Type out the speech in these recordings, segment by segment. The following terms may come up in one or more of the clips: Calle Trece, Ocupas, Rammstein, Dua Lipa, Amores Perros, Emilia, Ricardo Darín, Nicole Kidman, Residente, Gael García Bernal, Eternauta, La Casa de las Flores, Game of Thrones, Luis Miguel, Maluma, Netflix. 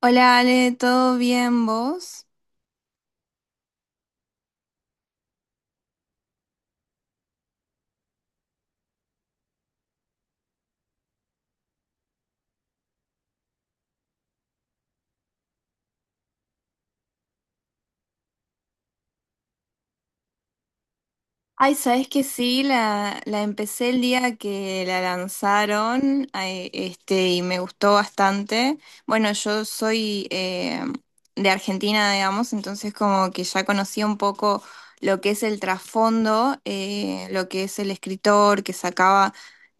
Hola Ale, ¿todo bien vos? Ay, sabes que sí, la empecé el día que la lanzaron, ay, y me gustó bastante. Bueno, yo soy de Argentina, digamos, entonces como que ya conocí un poco lo que es el trasfondo, lo que es el escritor que sacaba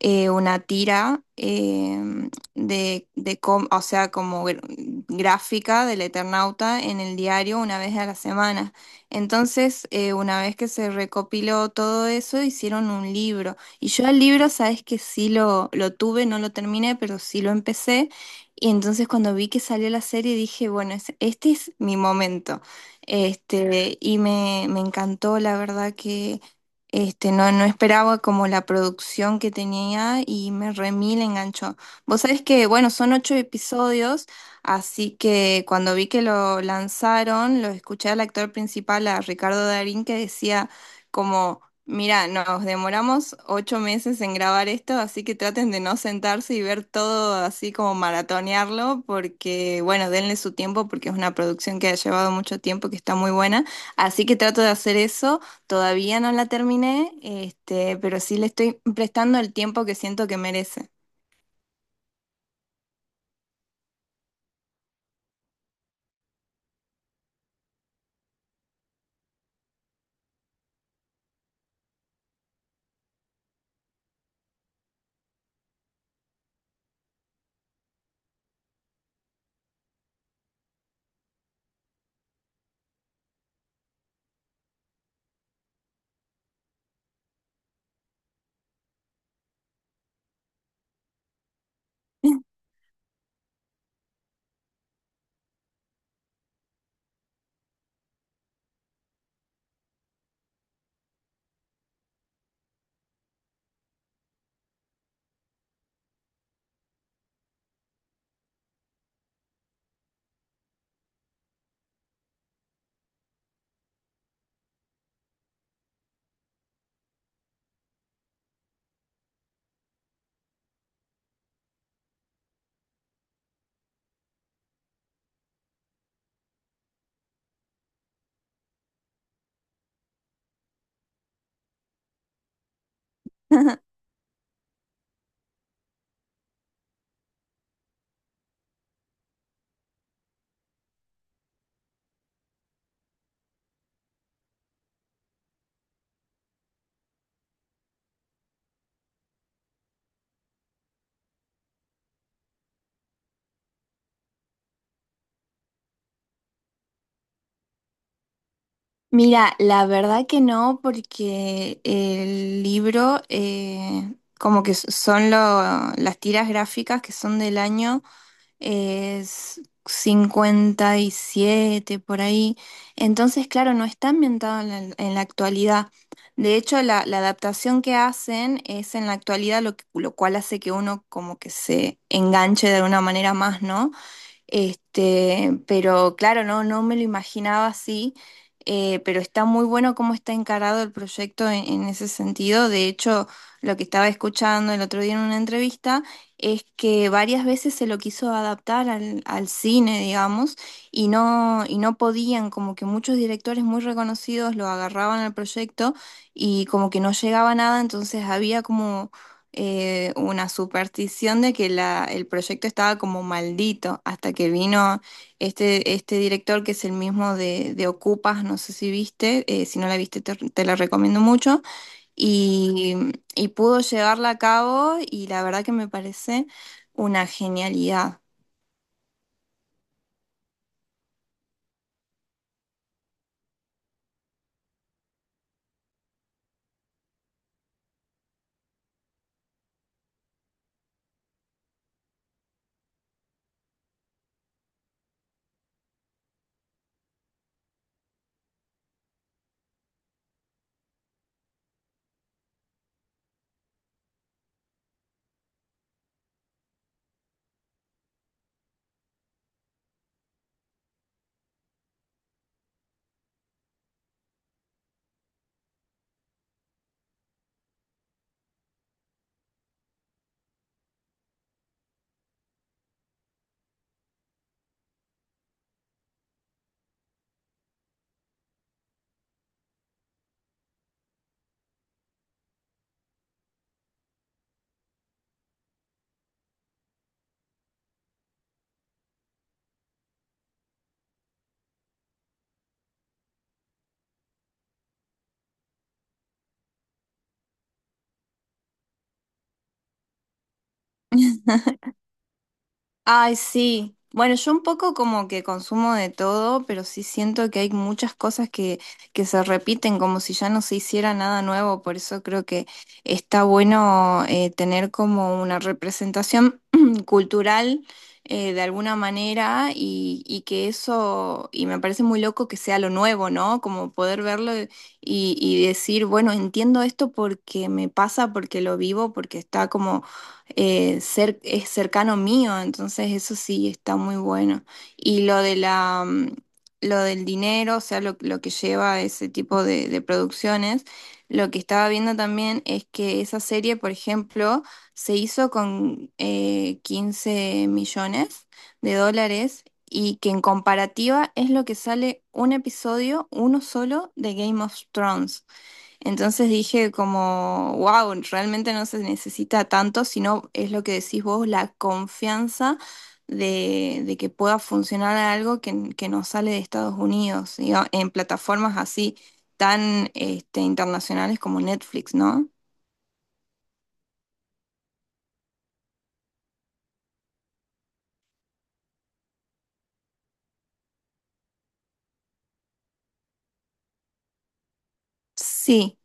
una tira o sea, gráfica del Eternauta en el diario una vez a la semana. Entonces, una vez que se recopiló todo eso, hicieron un libro. Y yo al libro, sabes que sí lo tuve, no lo terminé, pero sí lo empecé. Y entonces cuando vi que salió la serie, dije, bueno, este es mi momento. Y me encantó, la verdad que no, no esperaba como la producción que tenía y me remil enganchó. Vos sabés que, bueno, son 8 episodios. Así que cuando vi que lo lanzaron, lo escuché al actor principal, a Ricardo Darín, que decía como, mira, nos demoramos 8 meses en grabar esto, así que traten de no sentarse y ver todo así como maratonearlo, porque bueno, denle su tiempo, porque es una producción que ha llevado mucho tiempo, que está muy buena. Así que trato de hacer eso, todavía no la terminé, pero sí le estoy prestando el tiempo que siento que merece. Mira, la verdad que no, porque el libro, como que las tiras gráficas que son del año, es 57 por ahí. Entonces, claro, no está ambientado en en la actualidad. De hecho, la adaptación que hacen es en la actualidad, lo cual hace que uno como que se enganche de alguna manera más, ¿no? Pero claro, no, no me lo imaginaba así, pero está muy bueno cómo está encarado el proyecto en ese sentido. De hecho, lo que estaba escuchando el otro día en una entrevista es que varias veces se lo quiso adaptar al cine, digamos, y no podían, como que muchos directores muy reconocidos lo agarraban al proyecto y como que no llegaba a nada, entonces había como una superstición de que el proyecto estaba como maldito, hasta que vino este director que es el mismo de Ocupas, no sé si viste, si no la viste te la recomiendo mucho, y, y pudo llevarla a cabo y la verdad que me parece una genialidad. Ay, sí. Bueno, yo un poco como que consumo de todo, pero sí siento que hay muchas cosas que se repiten como si ya no se hiciera nada nuevo. Por eso creo que está bueno tener como una representación cultural de alguna manera y que eso, y me parece muy loco que sea lo nuevo, ¿no? Como poder verlo y decir, bueno, entiendo esto porque me pasa, porque lo vivo, porque está como es cercano mío, entonces eso sí está muy bueno. Y lo de la, lo del dinero, o sea, lo que lleva ese tipo de producciones, lo que estaba viendo también es que esa serie, por ejemplo, se hizo con 15 millones de dólares y que en comparativa es lo que sale un episodio, uno solo, de Game of Thrones. Entonces dije como, wow, realmente no se necesita tanto, sino es lo que decís vos, la confianza de que pueda funcionar algo que nos sale de Estados Unidos, en plataformas así tan internacionales como Netflix, ¿no? Sí,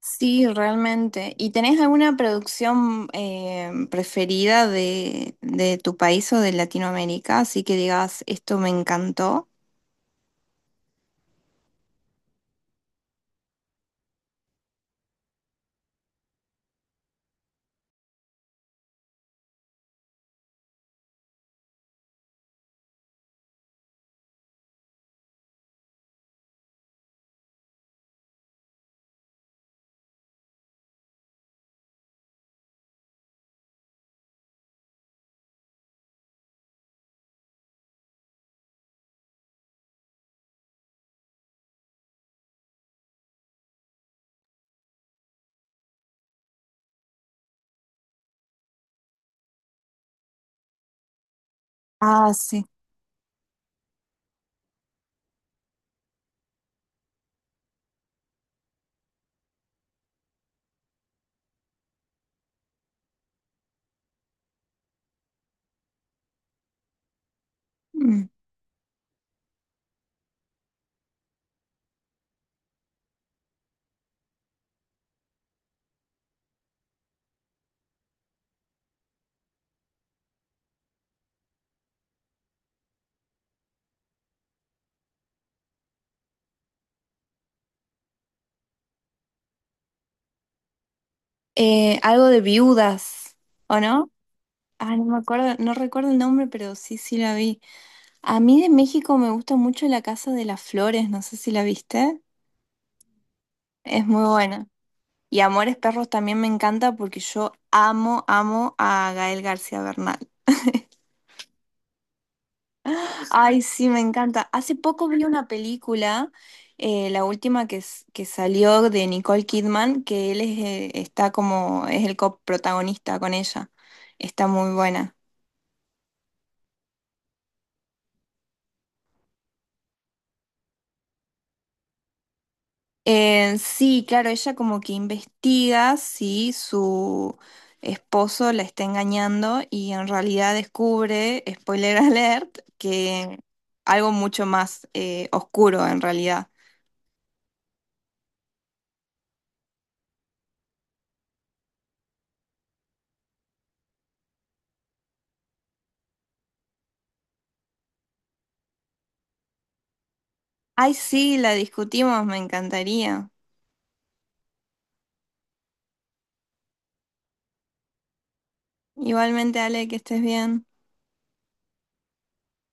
sí, realmente. ¿Y tenés alguna producción preferida de tu país o de Latinoamérica? Así que digas, esto me encantó. Ah, sí. Algo de viudas, ¿o no? Ah, no me acuerdo, no recuerdo el nombre, pero sí, sí la vi. A mí de México me gusta mucho La Casa de las Flores, no sé si la viste. Es muy buena. Y Amores Perros también me encanta porque yo amo, amo a Gael García Bernal. Ay, sí, me encanta. Hace poco vi una película, la última que salió de Nicole Kidman, que él es, está como, es el coprotagonista con ella. Está muy buena. Sí, claro, ella como que investiga si su esposo la está engañando y en realidad descubre, spoiler alert, que algo mucho más oscuro en realidad. Ay, sí, la discutimos, me encantaría. Igualmente, Ale, que estés bien.